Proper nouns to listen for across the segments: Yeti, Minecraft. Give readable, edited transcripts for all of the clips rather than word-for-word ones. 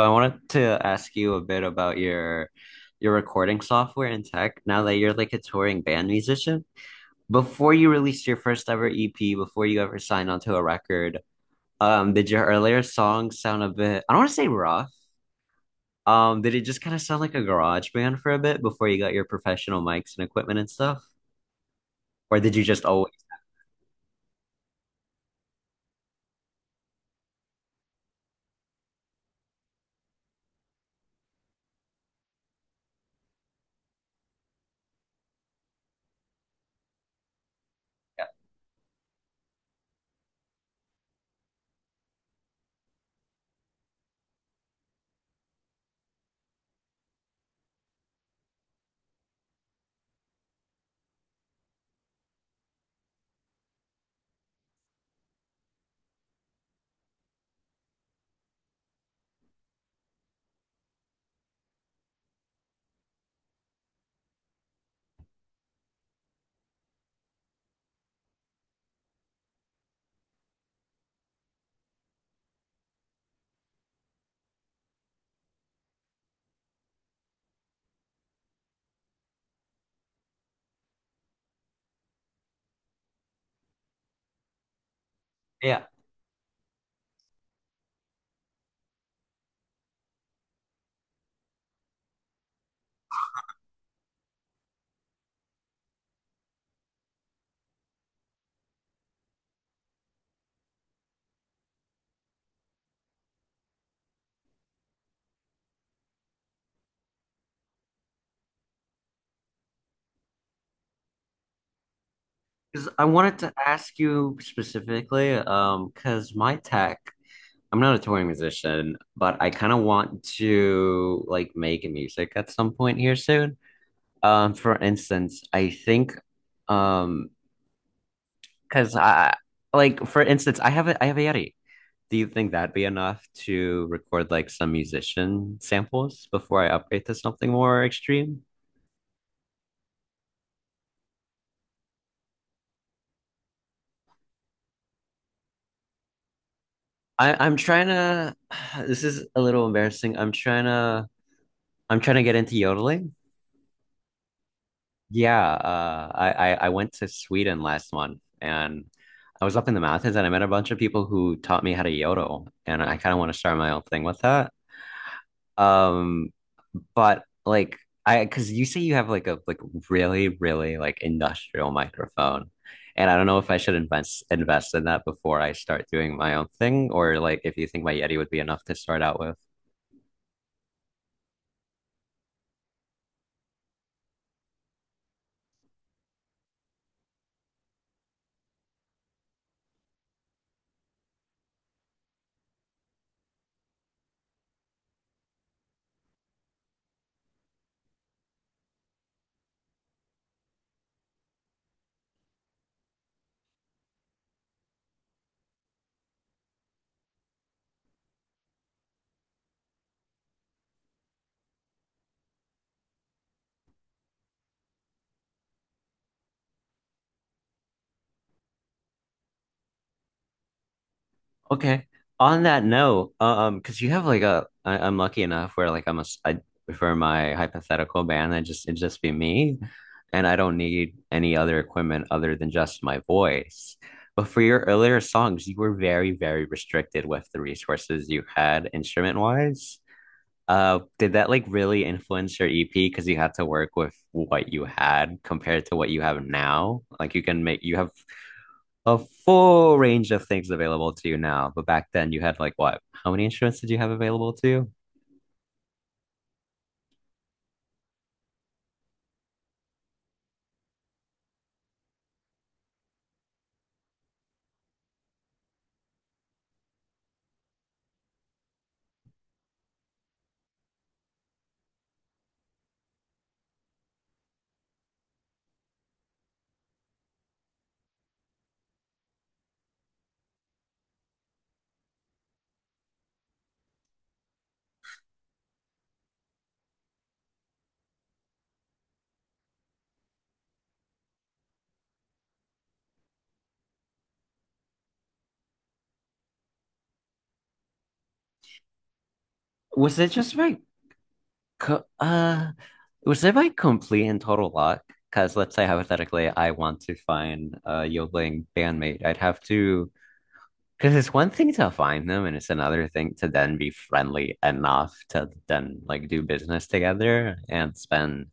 So I wanted to ask you a bit about your recording software and tech now that you're like a touring band musician. Before you released your first ever EP, before you ever signed onto a record, did your earlier songs sound a bit? I don't want to say rough. Did it just kind of sound like a garage band for a bit before you got your professional mics and equipment and stuff? Or did you just always yeah. Yeah, because I wanted to ask you specifically, because my tech, I'm not a touring musician, but I kind of want to like make music at some point here soon. For instance, I think, um, because I like, for instance, I have a Yeti. Do you think that'd be enough to record like some musician samples before I upgrade to something more extreme? I'm trying to. This is a little embarrassing. I'm trying to get into yodeling. Yeah, I went to Sweden last month, and I was up in the mountains, and I met a bunch of people who taught me how to yodel, and I kind of want to start my own thing with that. Um, but like I because you say you have like a really really like industrial microphone, and I don't know if I should invest in that before I start doing my own thing, or like if you think my Yeti would be enough to start out with. Okay. On that note, because you have like a, I'm lucky enough where like I'm a, s- I, for my hypothetical band, I just it'd just be me, and I don't need any other equipment other than just my voice. But for your earlier songs, you were very, very restricted with the resources you had instrument wise. Did that like really influence your EP? Because you had to work with what you had compared to what you have now. Like you can make you have a full range of things available to you now. But back then you had like what? How many instruments did you have available to you? Was it just my co uh was it my complete and total luck? Because let's say hypothetically I want to find a yodeling bandmate. I'd have to, because it's one thing to find them, and it's another thing to then be friendly enough to then like do business together and spend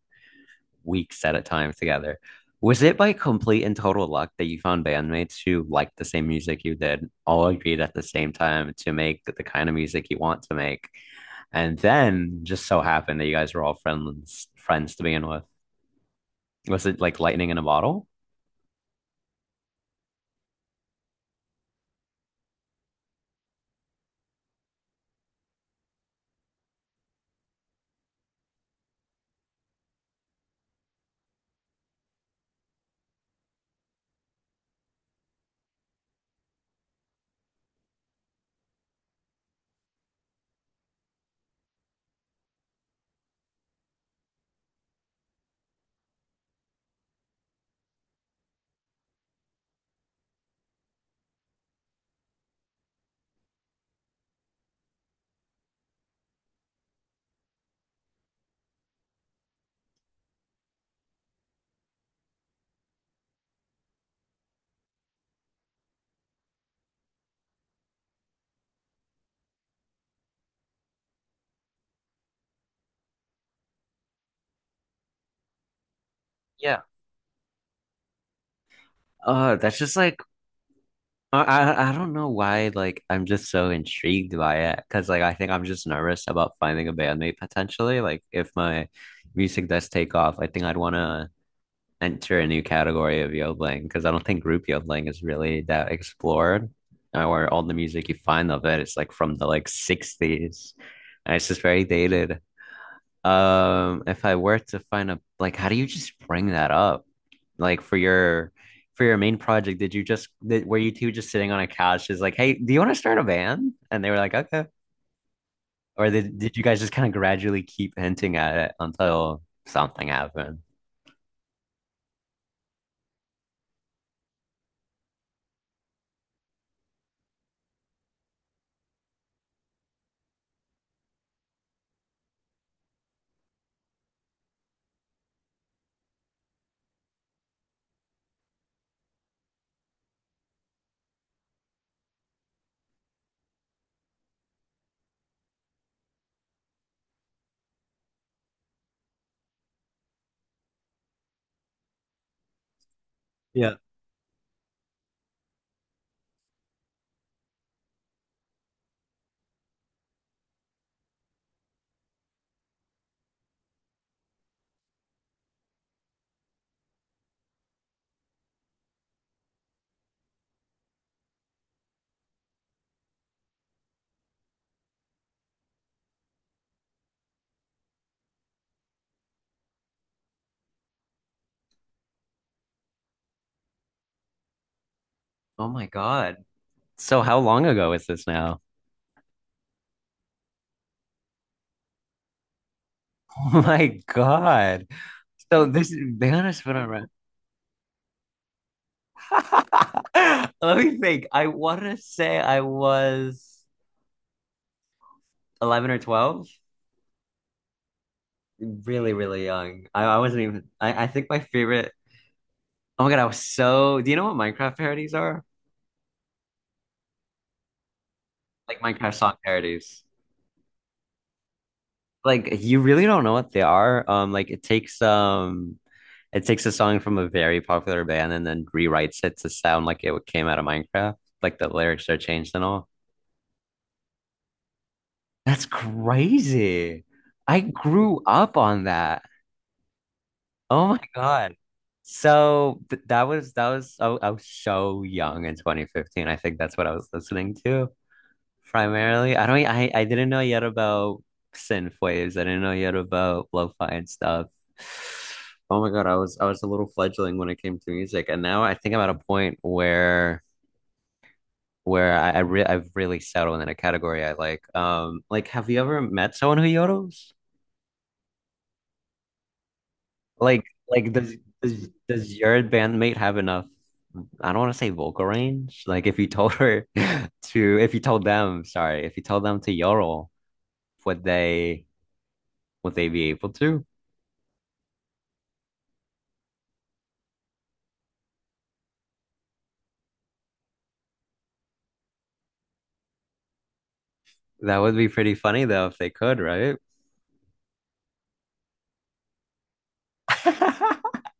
weeks at a time together. Was it by complete and total luck that you found bandmates who liked the same music you did, all agreed at the same time to make the kind of music you want to make, and then just so happened that you guys were all friends to begin with? Was it like lightning in a bottle? Yeah. That's just like I don't know why, like I'm just so intrigued by it because like I think I'm just nervous about finding a bandmate potentially, like if my music does take off I think I'd want to enter a new category of yodeling, because I don't think group yodeling is really that explored, where all the music you find of it's like from the like 60s and it's just very dated. If I were to find a, like, how do you just bring that up? Like for your main project, did you just did, were you two just sitting on a couch, just like, hey, do you want to start a band? And they were like, okay. Or did you guys just kind of gradually keep hinting at it until something happened? Oh my God. So how long ago is this now? Oh my God. So this is, be honest when I read. Let me think. I want to say I was 11 or 12. Really, really young. I wasn't even, I think my favorite, oh my God, I was so, do you know what Minecraft parodies are? Like Minecraft song parodies. Like you really don't know what they are. Like it takes a song from a very popular band and then rewrites it to sound like it came out of Minecraft. Like the lyrics are changed and all. That's crazy. I grew up on that. Oh my God. So th that was I was so young in 2015. I think that's what I was listening to primarily. I don't I didn't know yet about synth waves. I didn't know yet about lo-fi and stuff. Oh my God, I was a little fledgling when it came to music, and now I think I'm at a point where I've really settled in a category I like. Like have you ever met someone who yodels? Like, like does does your bandmate have enough? I don't want to say vocal range. Like, if you told her to, if you told them, sorry, if you told them to yodel, would they be able to? That would be pretty funny though if they could, right?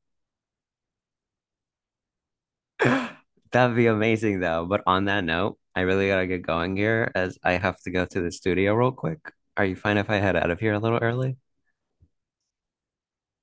That'd be amazing though. But on that note, I really gotta get going here as I have to go to the studio real quick. Are you fine if I head out of here a little early?